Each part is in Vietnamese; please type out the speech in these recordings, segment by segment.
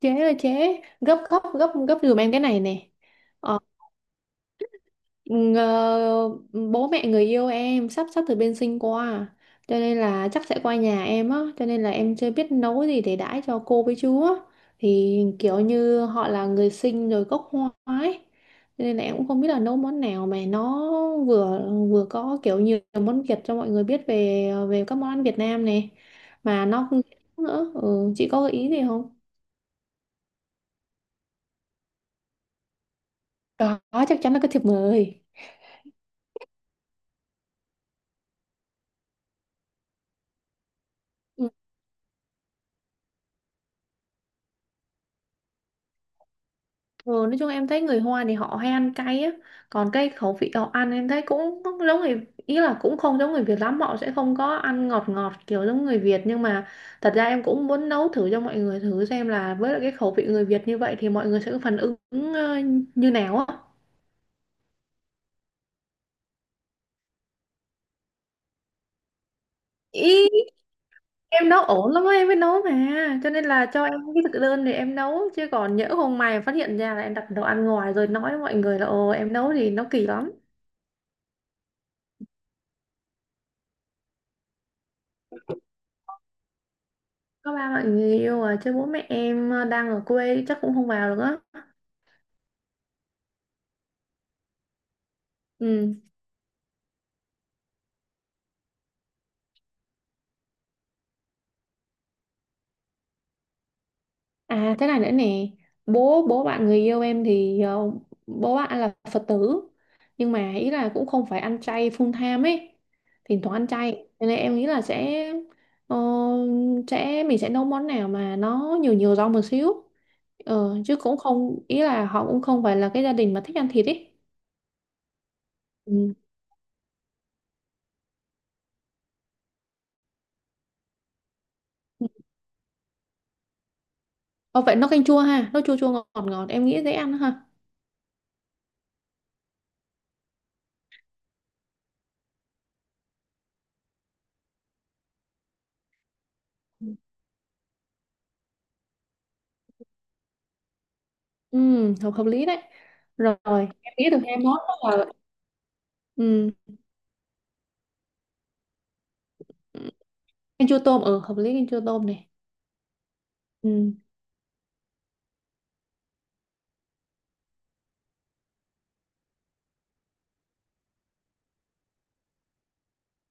Chế là chế gấp gấp gấp gấp giùm em cái này nè. ờ, ngờ- Bố mẹ người yêu em sắp sắp từ bên Sinh qua, cho nên là chắc sẽ qua nhà em á, cho nên là em chưa biết nấu gì để đãi cho cô với chú á. Thì kiểu như họ là người Sinh rồi gốc Hoa ấy, cho nên là em cũng không biết là nấu món nào mà nó vừa vừa có kiểu nhiều món Việt cho mọi người biết về về các món ăn Việt Nam này, mà nó cũng nữa. Ừ, chị có gợi ý gì không? Có, chắc chắn là có thiệp mời. Ừ. Ừ, nói chung em thấy người Hoa thì họ hay ăn cay á. Còn cái khẩu vị họ ăn em thấy cũng giống người, ý là cũng không giống người Việt lắm, họ sẽ không có ăn ngọt ngọt kiểu giống người Việt. Nhưng mà thật ra em cũng muốn nấu thử cho mọi người thử xem là với lại cái khẩu vị người Việt như vậy thì mọi người sẽ có phản ứng ờ, như nào á. Ý em nấu ổn lắm á, em mới nấu mà, cho nên là cho em cái thực đơn để em nấu, chứ còn nhỡ hôm mai phát hiện ra là em đặt đồ ăn ngoài rồi nói với mọi người là ồ em nấu thì nó kỳ lắm. Có ba bạn người yêu à, chứ bố mẹ em đang ở quê chắc cũng không vào được á. Ừ. À thế này nữa nè, bố bố bạn người yêu em thì bố bạn là Phật tử, nhưng mà ý là cũng không phải ăn chay full time ấy, thỉnh thoảng ăn chay. Cho nên em nghĩ là sẽ ờ, sẽ mình sẽ nấu món nào mà nó nhiều nhiều rau một xíu. Ờ, chứ cũng không, ý là họ cũng không phải là cái gia đình mà thích ăn thịt ấy. Ừ. Ờ, vậy nấu canh chua ha, nấu chua chua ngọt ngọt em nghĩ dễ ăn ha. Ừ, hợp hợp lý đấy. Rồi, em nghĩ được hai món đó là ừ, canh chua tôm, ừ, hợp lý canh chua tôm này. Ừ,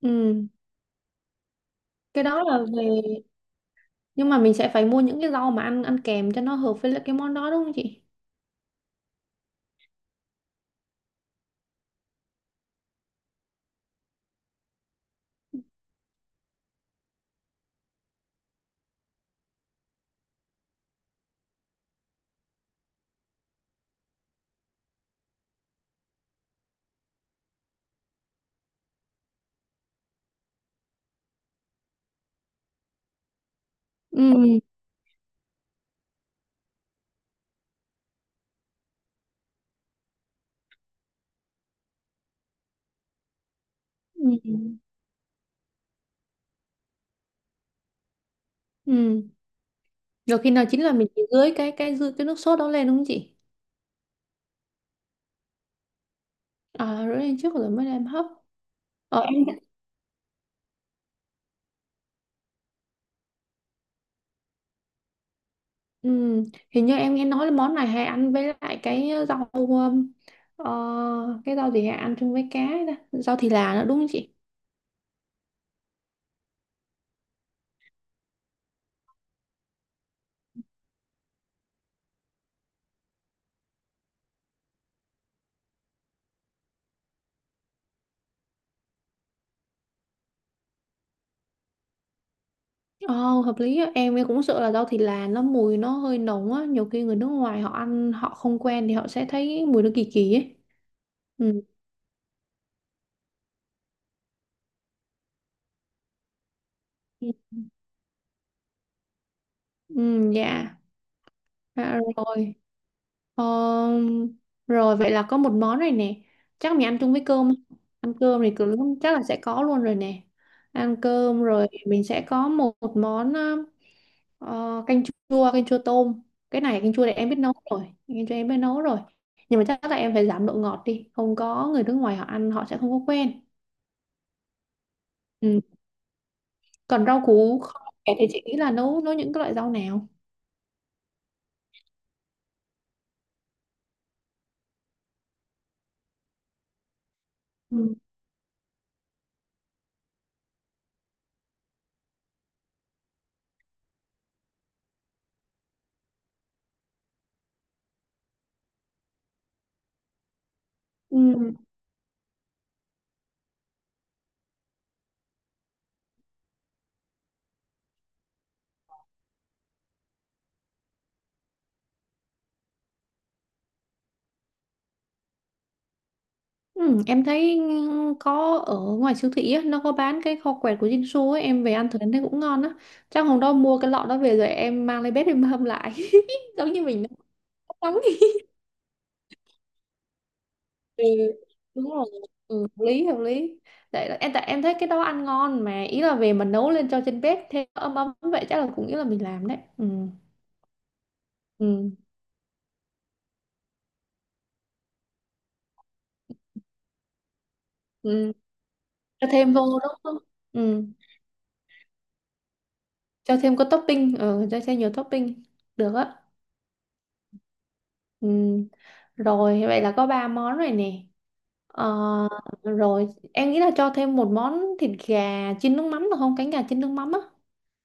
ừ. Cái đó là về, nhưng mà mình sẽ phải mua những cái rau mà ăn ăn kèm cho nó hợp với lại cái món đó đúng không chị? Ừ. Ừ. Ừ. Rồi khi nào chín là mình chỉ rưới cái dư cái nước sốt đó lên đúng không chị? À, rưới lên trước rồi mới đem hấp. Ờ. Hình như em nghe nói là món này hay ăn với lại cái rau cái rau gì hay ăn chung với cá ấy ta? Rau thì là nữa đúng không chị? Ồ, hợp lý á. Em cũng sợ là rau thì là nó mùi nó hơi nồng á, nhiều khi người nước ngoài họ ăn họ không quen thì họ sẽ thấy mùi nó kỳ kỳ ấy. Ừ. Ừ, dạ. À, rồi. Ờ, rồi vậy là có một món rồi nè. Chắc mình ăn chung với cơm. Ăn cơm thì cứ lúc chắc là sẽ có luôn rồi nè. Ăn cơm rồi mình sẽ có một, một món ờ, canh canh chua tôm. Cái này canh chua này em biết nấu rồi. Canh chua em biết nấu rồi. Nhưng mà chắc là em phải giảm độ ngọt đi. Không có, người nước ngoài họ ăn họ sẽ không có quen. Ừ. Còn rau củ kho thì chị nghĩ là nấu nấu những cái loại rau nào? Ừ. Ừ. Ừ, em thấy ừ, có ở ngoài siêu thị á, nó có bán cái kho quẹt của Jinsu ấy, em về ăn thử em thấy cũng ngon á. Chắc hôm đó mua cái lọ đó về rồi em mang lên bếp em hâm lại. Giống như mình nấu nóng đi. Ừ, đúng rồi. Ừ, hợp lý hợp lý. Tại em thấy cái đó ăn ngon mà, ý là về mà nấu lên cho trên bếp thêm ấm ấm vậy chắc là cũng ý là mình làm đấy. Ừ. Ừ. Ừ. Cho thêm vô đúng không? Ừ. Cho thêm có topping, ừ, cho thêm nhiều topping. Được á. Ừ. Rồi vậy là có ba món rồi nè. Ờ, rồi em nghĩ là cho thêm một món thịt gà chiên nước mắm được không? Cánh gà chiên nước mắm á.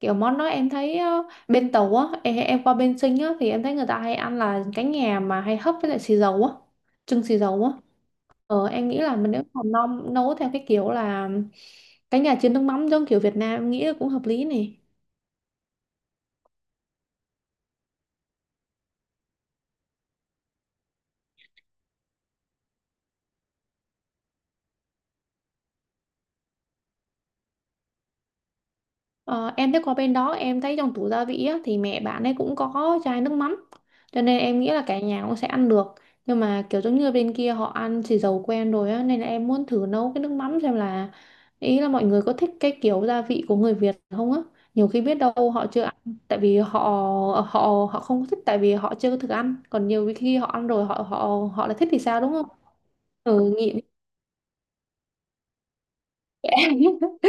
Kiểu món đó em thấy bên tàu á, em qua bên Sinh á thì em thấy người ta hay ăn là cánh gà mà hay hấp với lại xì dầu á, trưng xì dầu á. Ờ em nghĩ là mình nếu mà nấu nấu theo cái kiểu là cánh gà chiên nước mắm giống kiểu Việt Nam em nghĩ là cũng hợp lý nè. Ờ, em thấy qua bên đó em thấy trong tủ gia vị á, thì mẹ bạn ấy cũng có chai nước mắm, cho nên em nghĩ là cả nhà cũng sẽ ăn được. Nhưng mà kiểu giống như bên kia họ ăn xì dầu quen rồi á nên là em muốn thử nấu cái nước mắm xem là ý là mọi người có thích cái kiểu gia vị của người Việt không á. Nhiều khi biết đâu họ chưa ăn tại vì họ, họ không có thích tại vì họ chưa có thử ăn, còn nhiều khi họ ăn rồi họ họ họ lại thích thì sao đúng không. Ừ nghiện.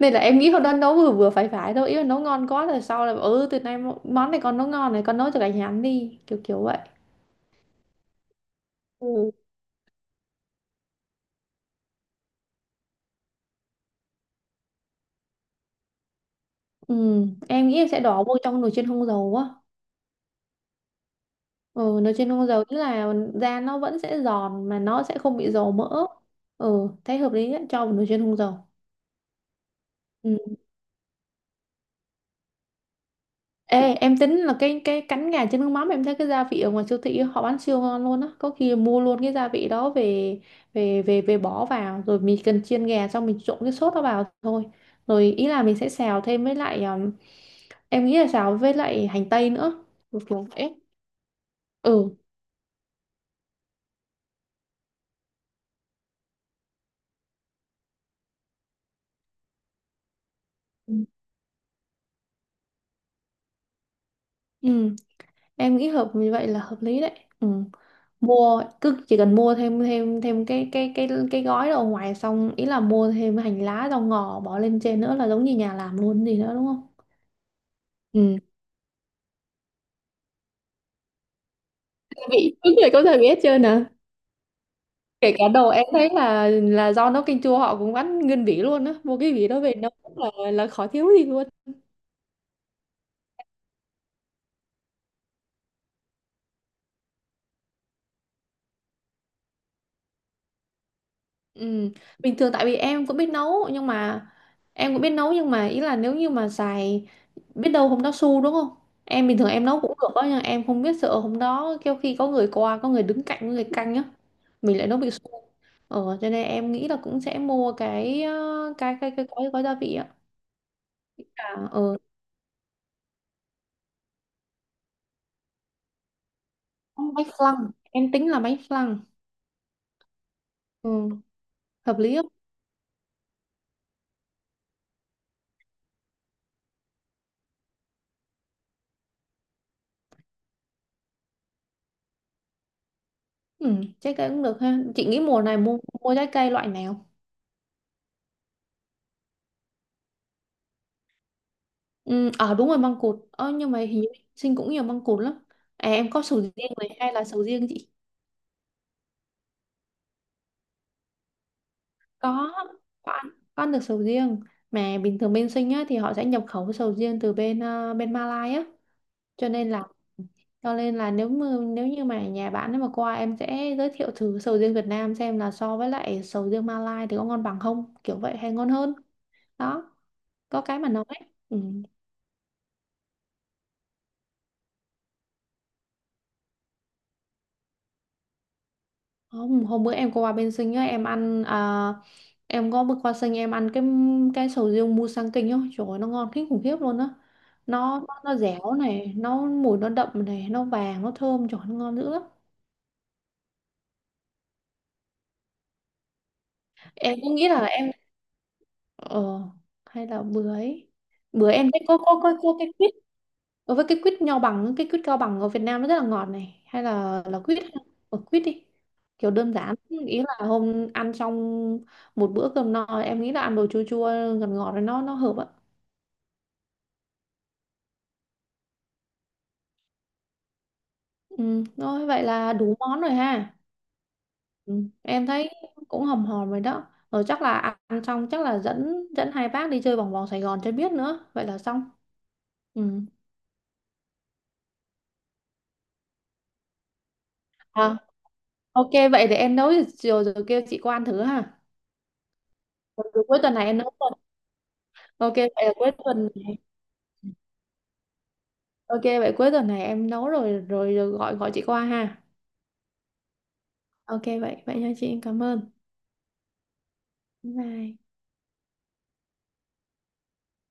Nên là em nghĩ hôm đó nấu vừa vừa phải phải thôi, ý là nấu ngon quá rồi sau là bảo, ừ từ nay món này con nấu ngon này con nấu cho cả nhà ăn đi kiểu kiểu vậy. Ừ. Ừ, em nghĩ em sẽ đổ vô trong nồi chiên không dầu á. Ừ, nồi chiên không dầu tức là da nó vẫn sẽ giòn mà nó sẽ không bị dầu mỡ. Ừ thấy hợp lý đấy, cho vào nồi chiên không dầu. Ừ. Ê, em tính là cái cánh gà chân nước mắm em thấy cái gia vị ở ngoài siêu thị họ bán siêu ngon luôn á, có khi mua luôn cái gia vị đó về về về về bỏ vào rồi mình cần chiên gà xong mình trộn cái sốt đó vào thôi. Rồi ý là mình sẽ xào thêm với lại em nghĩ là xào với lại hành tây nữa. Kiểu kiểu vậy. Ừ. Ừ em nghĩ hợp như vậy là hợp lý đấy. Ừ, mua cứ chỉ cần mua thêm thêm thêm cái gói đó ở ngoài xong ý là mua thêm hành lá rau ngò bỏ lên trên nữa là giống như nhà làm luôn gì nữa đúng không. Ừ. Cái vị đúng rồi có thể biết chưa nè. Kể cả đồ em thấy là do nấu canh chua họ cũng bán nguyên vỉ luôn á, mua cái vỉ đó về nấu là khó thiếu gì luôn. Ừ. Bình thường tại vì em cũng biết nấu nhưng mà ý là nếu như mà xài, biết đâu hôm đó su đúng không? Em bình thường em nấu cũng được đó nhưng em không biết sợ hôm đó kêu khi có người qua, có người đứng cạnh, có người canh á mình lại nấu bị su. Ờ cho nên em nghĩ là cũng sẽ mua cái cái gói gói gia vị á. À, ờ bánh flan, em tính là bánh flan. Ừ, hợp lý không? Ừ, trái cây cũng được ha. Chị nghĩ mùa này mua mua trái cây loại nào? Ừ, à đúng rồi măng cụt. Ờ, nhưng mà hình như sinh cũng nhiều măng cụt lắm. À, em có sầu riêng này hay là sầu riêng chị? Có, có ăn, có ăn được sầu riêng. Mà bình thường bên sinh á, thì họ sẽ nhập khẩu sầu riêng từ bên bên Malai á. Cho nên là cho nên là nếu mà, nếu như mà nhà bạn ấy mà qua em sẽ giới thiệu thử sầu riêng Việt Nam xem là so với lại sầu riêng Malai thì có ngon bằng không, kiểu vậy hay ngon hơn. Đó, có cái mà nói. Ừ. Hôm bữa em có qua bên Sinh á, em ăn à, em có bước qua Sinh em ăn cái sầu riêng Musang Kinh á, trời ơi, nó ngon kinh khủng khiếp luôn á. Nó, nó dẻo này, nó mùi nó đậm này, nó vàng, nó thơm, trời ơi, nó ngon dữ lắm. Em cũng nghĩ là em ờ hay là bữa ấy, bữa em thấy có cái ở với cái quýt nho bằng, cái quýt cao bằng ở Việt Nam nó rất là ngọt này. Hay là quýt, ở quýt đi. Kiểu đơn giản, ý là hôm ăn xong một bữa cơm no, em nghĩ là ăn đồ chua chua ngọt ngọt rồi nó hợp ạ. Ừ, rồi vậy là đủ món rồi ha. Ừ, em thấy cũng hòm hòm rồi đó. Rồi chắc là ăn xong chắc là dẫn dẫn hai bác đi chơi vòng vòng Sài Gòn cho biết nữa. Vậy là xong. Ừ. À, ok vậy để em nấu rồi, rồi kêu chị qua ăn thử ha. Còn cuối tuần này em nấu rồi. Ok vậy là cuối tuần này. Ok vậy cuối tuần này em nấu rồi rồi, rồi gọi gọi chị qua ha. Ok vậy vậy nha chị, em cảm ơn. Bye.